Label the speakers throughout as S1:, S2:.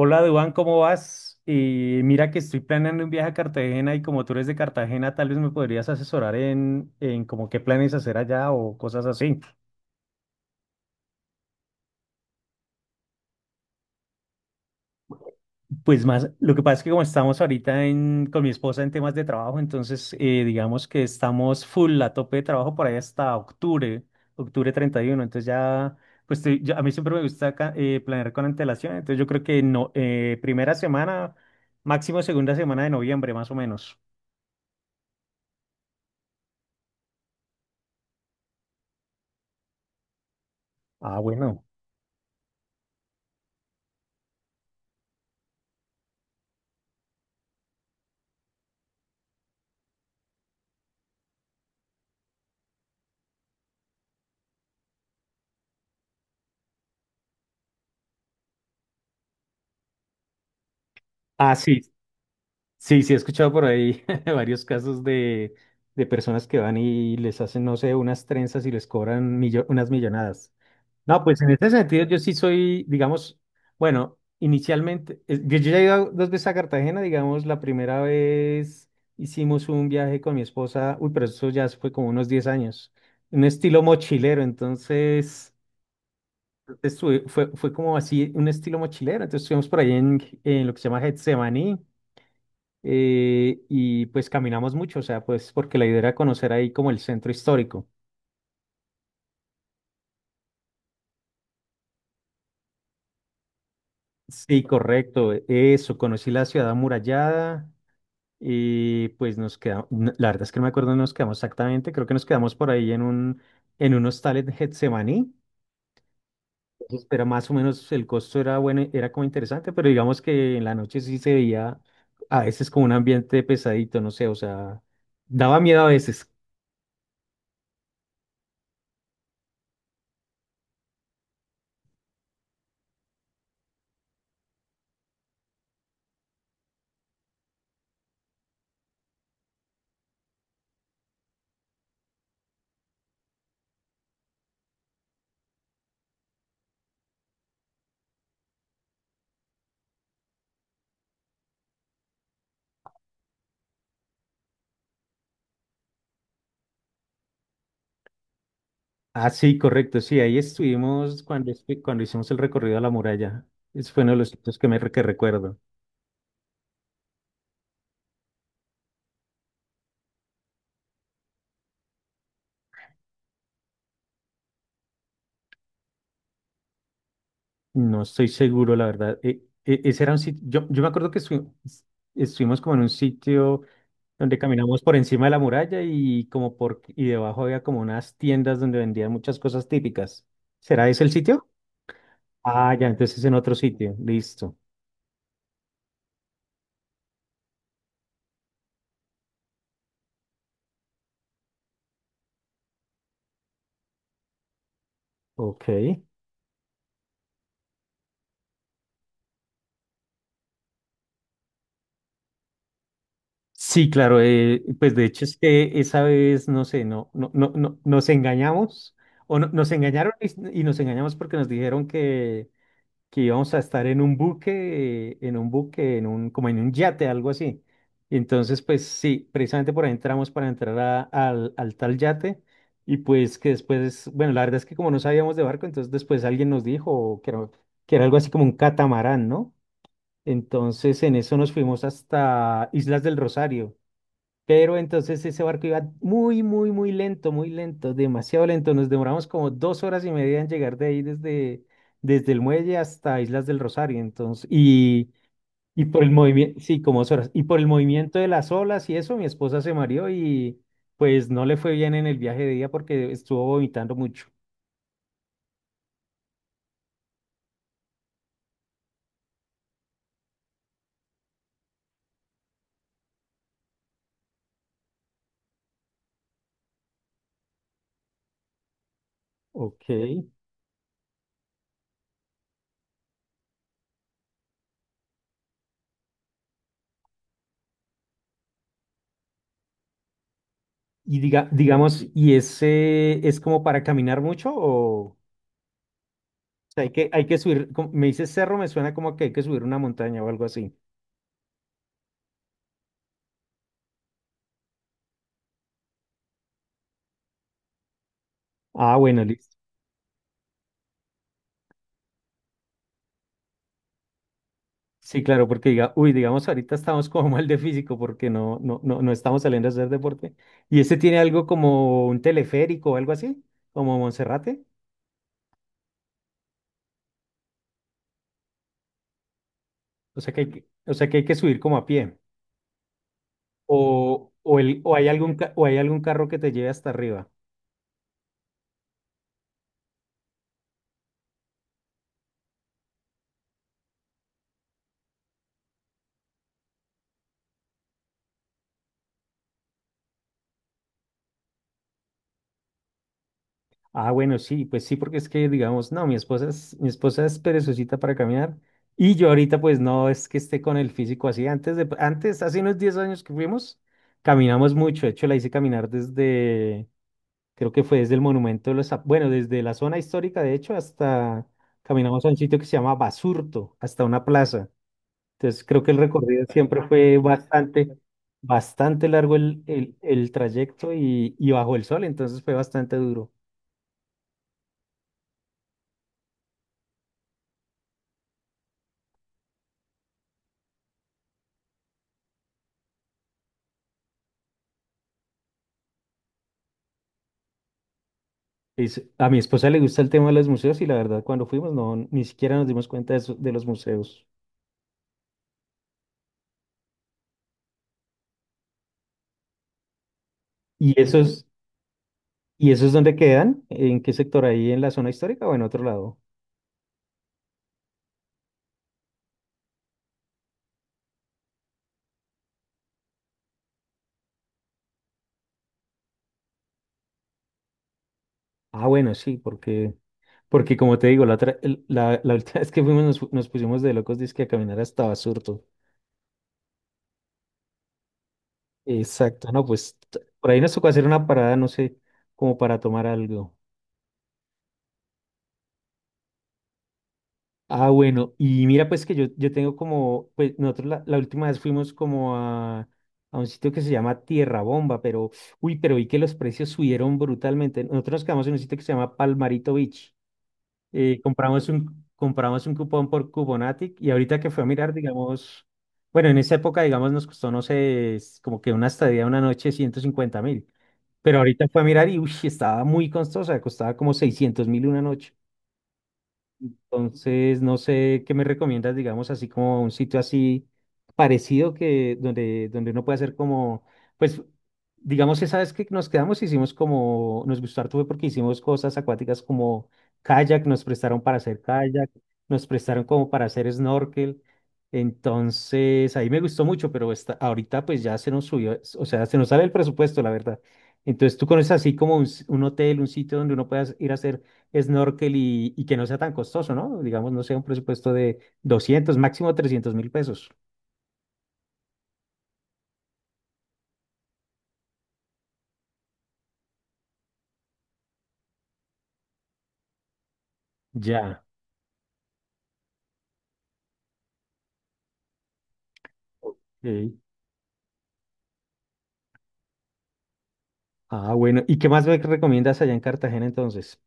S1: Hola, Duan, ¿cómo vas? Mira que estoy planeando un viaje a Cartagena y como tú eres de Cartagena, tal vez me podrías asesorar en como qué planes hacer allá o cosas así. Pues más, lo que pasa es que como estamos ahorita en, con mi esposa en temas de trabajo, entonces digamos que estamos full a tope de trabajo por ahí hasta octubre, octubre 31. Entonces ya, pues a mí siempre me gusta planear con antelación, entonces yo creo que no, primera semana, máximo segunda semana de noviembre, más o menos. Ah, bueno. Ah, sí. Sí, sí, he escuchado por ahí varios casos de personas que van y les hacen, no sé, unas trenzas y les cobran unas millonadas. No, pues en este sentido yo sí soy, digamos, bueno, inicialmente, yo ya he ido dos veces a Cartagena, digamos, la primera vez hicimos un viaje con mi esposa, uy, pero eso ya fue como unos 10 años, un estilo mochilero, entonces fue, fue como así, un estilo mochilero, entonces estuvimos por ahí en lo que se llama Getsemaní, y pues caminamos mucho, o sea, pues porque la idea era conocer ahí como el centro histórico. Sí, correcto, eso, conocí la ciudad amurallada y pues nos quedamos, la verdad es que no me acuerdo dónde nos quedamos exactamente, creo que nos quedamos por ahí en un hostal en Getsemaní, entonces, pero más o menos el costo era bueno, era como interesante, pero digamos que en la noche sí se veía a veces como un ambiente pesadito, no sé, o sea, daba miedo a veces. Ah, sí, correcto, sí, ahí estuvimos cuando hicimos el recorrido a la muralla. Ese fue uno de los sitios que recuerdo. No estoy seguro, la verdad. Ese era un sitio, yo me acuerdo que estuvimos como en un sitio donde caminamos por encima de la muralla y como por y debajo había como unas tiendas donde vendían muchas cosas típicas. ¿Será ese el sitio? Ah, ya, entonces es en otro sitio. Listo. Ok. Sí, claro, pues de hecho es que esa vez, no sé, nos engañamos o nos engañaron y nos engañamos porque nos dijeron que íbamos a estar en un buque, como en un yate, algo así. Y entonces, pues sí, precisamente por ahí entramos para entrar al tal yate y pues que después, bueno, la verdad es que como no sabíamos de barco, entonces después alguien nos dijo que era algo así como un catamarán, ¿no? Entonces en eso nos fuimos hasta Islas del Rosario. Pero entonces ese barco iba muy, muy, muy lento, demasiado lento. Nos demoramos como 2 horas y media en llegar de ahí desde el muelle hasta Islas del Rosario. Entonces, y por el movimiento, sí, como 2 horas. Y por el movimiento de las olas y eso, mi esposa se mareó y pues no le fue bien en el viaje de día porque estuvo vomitando mucho. Ok. Y digamos, ¿y ese es como para caminar mucho o sea, hay que subir, me dice cerro, me suena como que hay que subir una montaña o algo así? Ah, bueno, listo. Sí, claro, porque uy, digamos, ahorita estamos como mal de físico porque no estamos saliendo a hacer deporte. ¿Y ese tiene algo como un teleférico o algo así? ¿Como Monserrate? O sea que hay o sea que hay que subir como a pie. O hay o hay algún carro que te lleve hasta arriba. Ah, bueno, sí, pues sí, porque es que digamos, no, mi esposa es perezosita para caminar y yo ahorita pues no es que esté con el físico así. Antes, hace unos 10 años que fuimos, caminamos mucho. De hecho, la hice caminar creo que fue desde el Monumento de los. Bueno, desde la zona histórica, de hecho, hasta, caminamos a un sitio que se llama Basurto, hasta una plaza. Entonces, creo que el recorrido siempre fue bastante, bastante largo el trayecto y bajo el sol, entonces fue bastante duro. A mi esposa le gusta el tema de los museos y la verdad cuando fuimos no ni siquiera nos dimos cuenta de los museos. ¿Y esos, y esos dónde quedan? ¿En qué sector? ¿Ahí en la zona histórica o en otro lado? Ah, bueno, sí, porque, porque como te digo, la, otra- el- la última vez que fuimos nos pusimos de locos dizque a caminar hasta Basurto. Exacto, no, pues por ahí nos tocó hacer una parada, no sé, como para tomar algo. Ah, bueno, y mira, pues que yo tengo como, pues nosotros la última vez fuimos a un sitio que se llama Tierra Bomba, pero, uy, pero vi que los precios subieron brutalmente. Nosotros nos quedamos en un sitio que se llama Palmarito Beach. Compramos un cupón por Cuponatic y ahorita que fue a mirar, digamos, bueno, en esa época, digamos, nos costó, no sé, es como que una estadía una noche 150.000, pero ahorita fue a mirar y, uy, estaba muy costosa, costaba como 600.000 una noche. Entonces, no sé qué me recomiendas, digamos, así como un sitio así parecido que donde uno puede hacer como, pues, digamos, esa vez que nos quedamos, hicimos como, nos gustó harto fue porque hicimos cosas acuáticas como kayak, nos prestaron para hacer kayak, nos prestaron como para hacer snorkel. Entonces, ahí me gustó mucho, pero ahorita pues ya se nos subió, o sea, se nos sale el presupuesto, la verdad. Entonces, tú conoces así como un hotel, un sitio donde uno pueda ir a hacer snorkel y que no sea tan costoso, ¿no? Digamos, no sea un presupuesto de 200 máximo 300.000 pesos. Ya. Ok. Ah, bueno. ¿Y qué más me recomiendas allá en Cartagena entonces?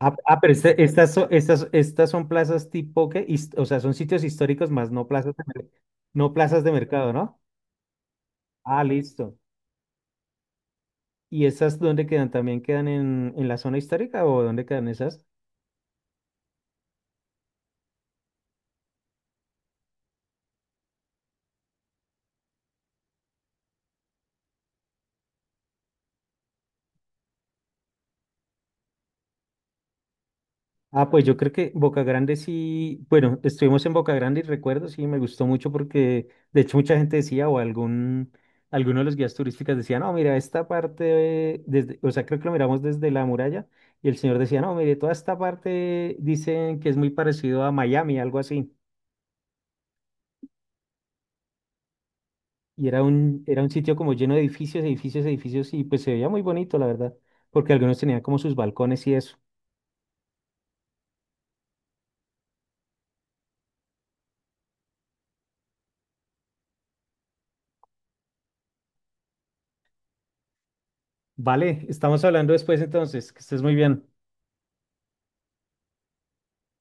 S1: Estas, son, estas son plazas tipo que, o sea, son sitios históricos más no no plazas de mercado, ¿no? Ah, listo. ¿Y esas dónde quedan? ¿También quedan en la zona histórica o dónde quedan esas? Ah, pues yo creo que Boca Grande sí, bueno, estuvimos en Boca Grande y recuerdo, sí, me gustó mucho porque de hecho mucha gente decía alguno de los guías turísticos decía, no, mira, esta parte, o sea, creo que lo miramos desde la muralla y el señor decía, no, mire, toda esta parte dicen que es muy parecido a Miami, algo así. Y era era un sitio como lleno de edificios, edificios, edificios y pues se veía muy bonito, la verdad, porque algunos tenían como sus balcones y eso. Vale, estamos hablando después entonces, que estés muy bien.